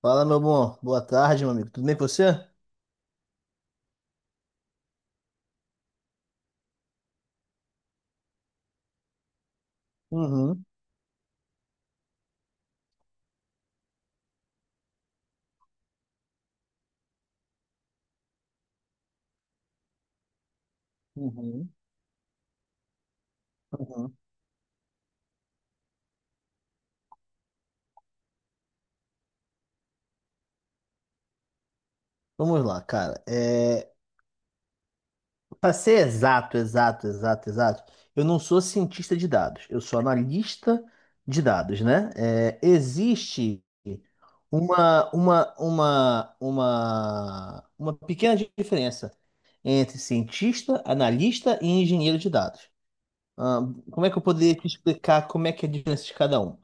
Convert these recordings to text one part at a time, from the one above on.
Fala, meu bom. Boa tarde, meu amigo. Tudo bem com você? Uhum, uhum, uhum. Vamos lá, cara. Para ser exato, exato, exato, exato, eu não sou cientista de dados. Eu sou analista de dados, né? É, existe uma pequena diferença entre cientista, analista e engenheiro de dados. Ah, como é que eu poderia te explicar como é que é a diferença de cada um?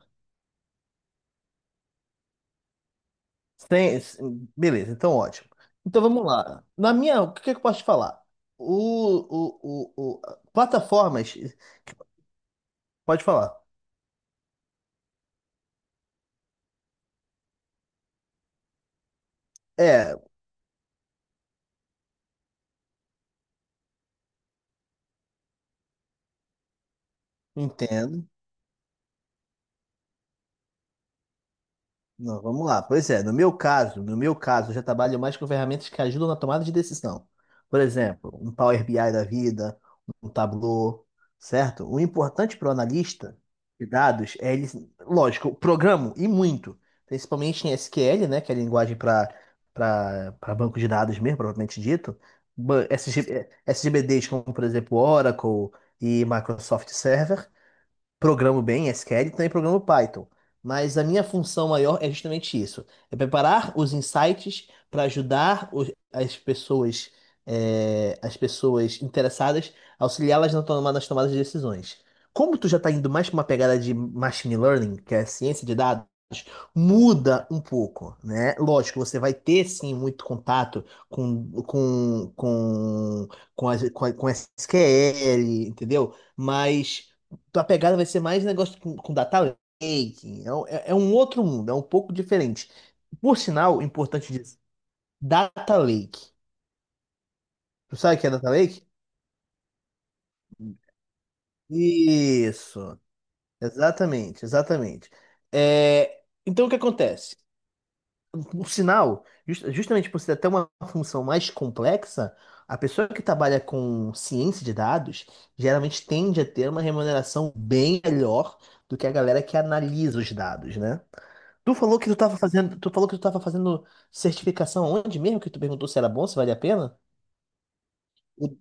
Beleza, então ótimo. Então vamos lá. Na minha, o que é que eu posso te falar? O, o, o, o- Plataformas, pode falar. É, Nintendo. Não, vamos lá. Pois é, no meu caso, eu já trabalho mais com ferramentas que ajudam na tomada de decisão. Por exemplo, um Power BI da vida, um Tableau, certo? O importante para o analista de dados é ele, lógico, programa e muito, principalmente em SQL, né, que é a linguagem para banco de dados mesmo, propriamente dito. SGBDs como, por exemplo, Oracle e Microsoft Server, programo bem SQL e também programo Python. Mas a minha função maior é justamente isso: é preparar os insights para ajudar as pessoas, é, as pessoas interessadas, auxiliá-las nas tomadas de decisões. Como tu já está indo mais para uma pegada de machine learning, que é ciência de dados, muda um pouco, né? Lógico, você vai ter sim muito contato com, as- com, a- com SQL, entendeu? Mas tua pegada vai ser mais negócio com data lake. É um outro mundo, é um pouco diferente. Por sinal, é importante dizer, data lake. Tu sabe o que é data lake? Isso, exatamente, exatamente. É, então o que acontece? Por sinal, justamente por ser até uma função mais complexa, a pessoa que trabalha com ciência de dados geralmente tende a ter uma remuneração bem melhor do que a galera que analisa os dados, né? Tu falou que tu tava fazendo certificação onde mesmo? Que tu perguntou se era bom, se valia a pena? O-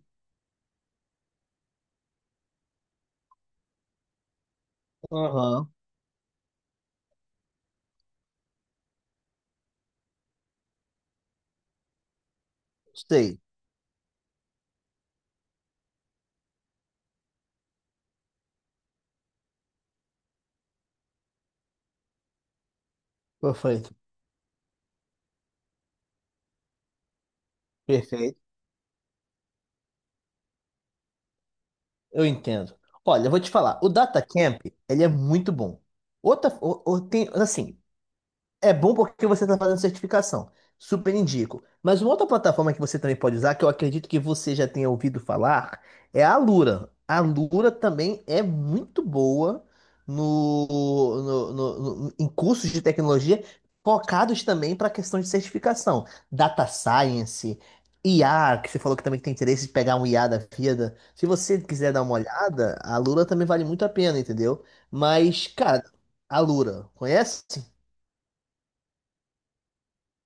Aham, sei. Perfeito, perfeito. Eu entendo. Olha, eu vou te falar, o Datacamp, ele é muito bom. Outra, tem, assim. É bom porque você está fazendo certificação. Super indico. Mas uma outra plataforma que você também pode usar, que eu acredito que você já tenha ouvido falar, é a Alura. A Alura também é muito boa no, em cursos de tecnologia focados também para a questão de certificação. Data Science, IA, que você falou que também tem interesse de pegar um IA da vida. Se você quiser dar uma olhada, a Alura também vale muito a pena, entendeu? Mas, cara, a Alura, conhece?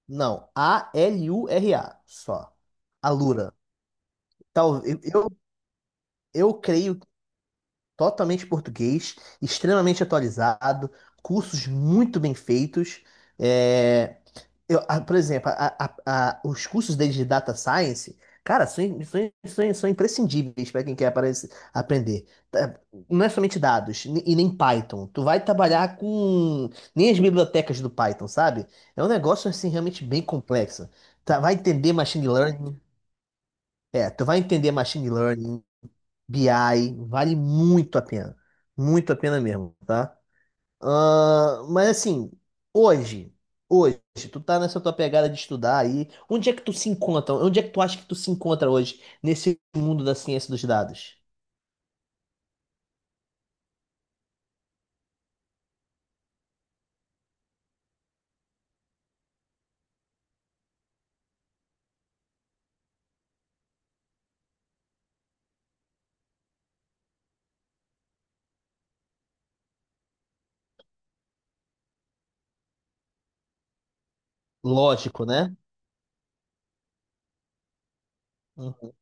Não, Alura, só. Alura. Tal, eu creio totalmente português, extremamente atualizado, cursos muito bem feitos. É, ah, por exemplo, os cursos deles de Data Science, cara, são imprescindíveis para quem quer aprender. Tá, não é somente dados, e nem Python. Tu vai trabalhar com nem as bibliotecas do Python, sabe? É um negócio assim realmente bem complexo. Tá, vai entender machine learning. É, tu vai entender machine learning, BI, vale muito a pena. Muito a pena mesmo, tá? Ah, mas assim, hoje, hoje, tu tá nessa tua pegada de estudar aí. Onde é que tu se encontra? Onde é que tu acha que tu se encontra hoje nesse mundo da ciência dos dados? Lógico, né? Uhum,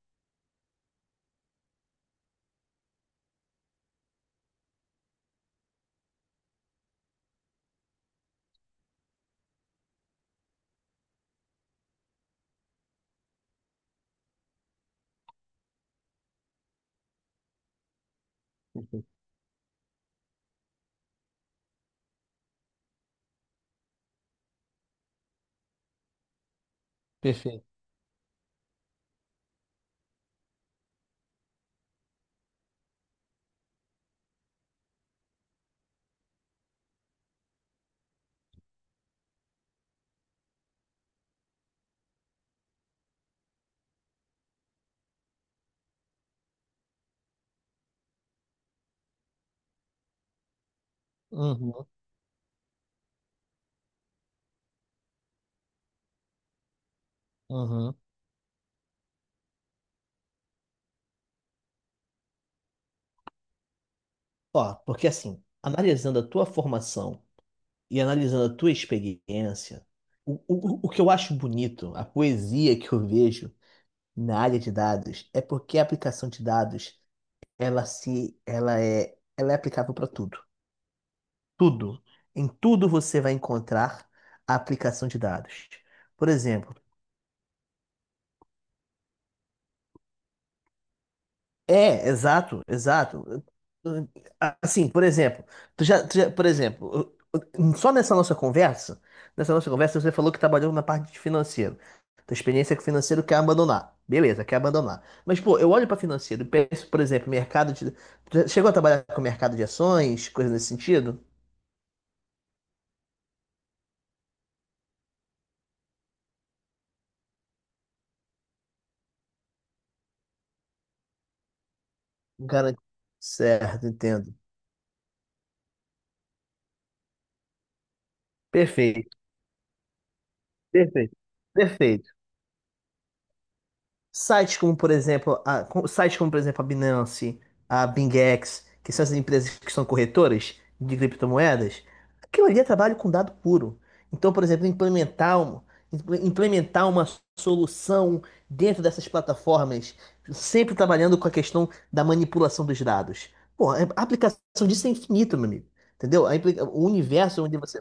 perfeito. Uhum, uhum. Ó, porque assim, analisando a tua formação e analisando a tua experiência, o que eu acho bonito, a poesia que eu vejo na área de dados é porque a aplicação de dados ela se ela é ela é aplicável para tudo. Tudo. Em tudo você vai encontrar a aplicação de dados. Por exemplo. É, exato, exato. Assim, por exemplo, por exemplo, só nessa nossa conversa, você falou que trabalhou na parte de financeiro. Tua experiência com financeiro quer abandonar. Beleza, quer abandonar. Mas, pô, eu olho para financeiro e penso, por exemplo, tu já chegou a trabalhar com mercado de ações, coisa nesse sentido? Garanto. Certo, entendo. Perfeito, perfeito, perfeito. Sites como, por exemplo, a Binance, a BingEx, que são essas empresas que são corretoras de criptomoedas, aquilo ali é trabalho com dado puro. Então, por exemplo, implementar uma solução dentro dessas plataformas, sempre trabalhando com a questão da manipulação dos dados. Pô, é, a aplicação disso é infinito, meu amigo. Entendeu? A implica- o universo é onde você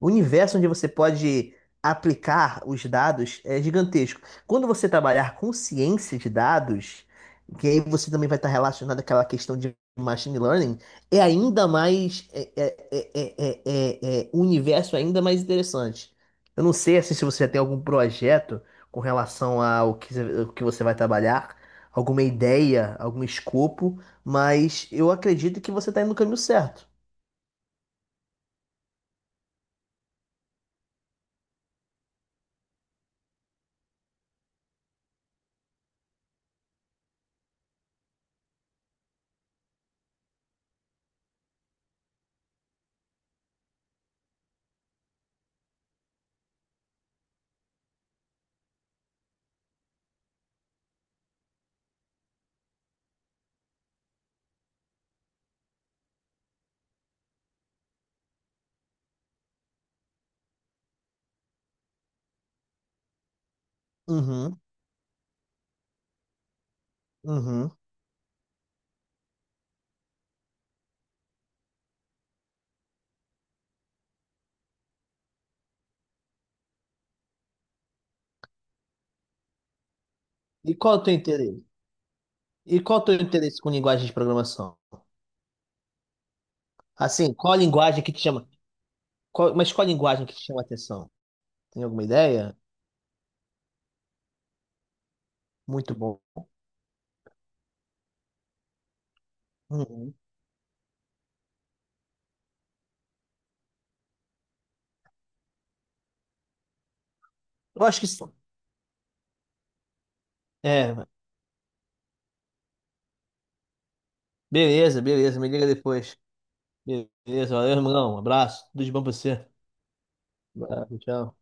O universo onde você pode aplicar os dados é gigantesco. Quando você trabalhar com ciência de dados, que aí você também vai estar relacionado àquela questão de machine learning, é ainda mais é, é, é, é, é, é, um universo é ainda mais interessante. Eu não sei assim, se você já tem algum projeto com relação ao que, o que você vai trabalhar, alguma ideia, algum escopo, mas eu acredito que você está indo no caminho certo. Uhum, uhum. E qual é o teu interesse? E qual o teu interesse com linguagem de programação? Assim, qual a linguagem que te chama? Mas qual a linguagem que te chama a atenção? Tem alguma ideia? Muito bom. Uhum. Eu acho que sim. É, beleza, beleza. Me liga depois. Beleza, valeu, irmão. Um abraço. Tudo de bom pra você. Abraço, tchau.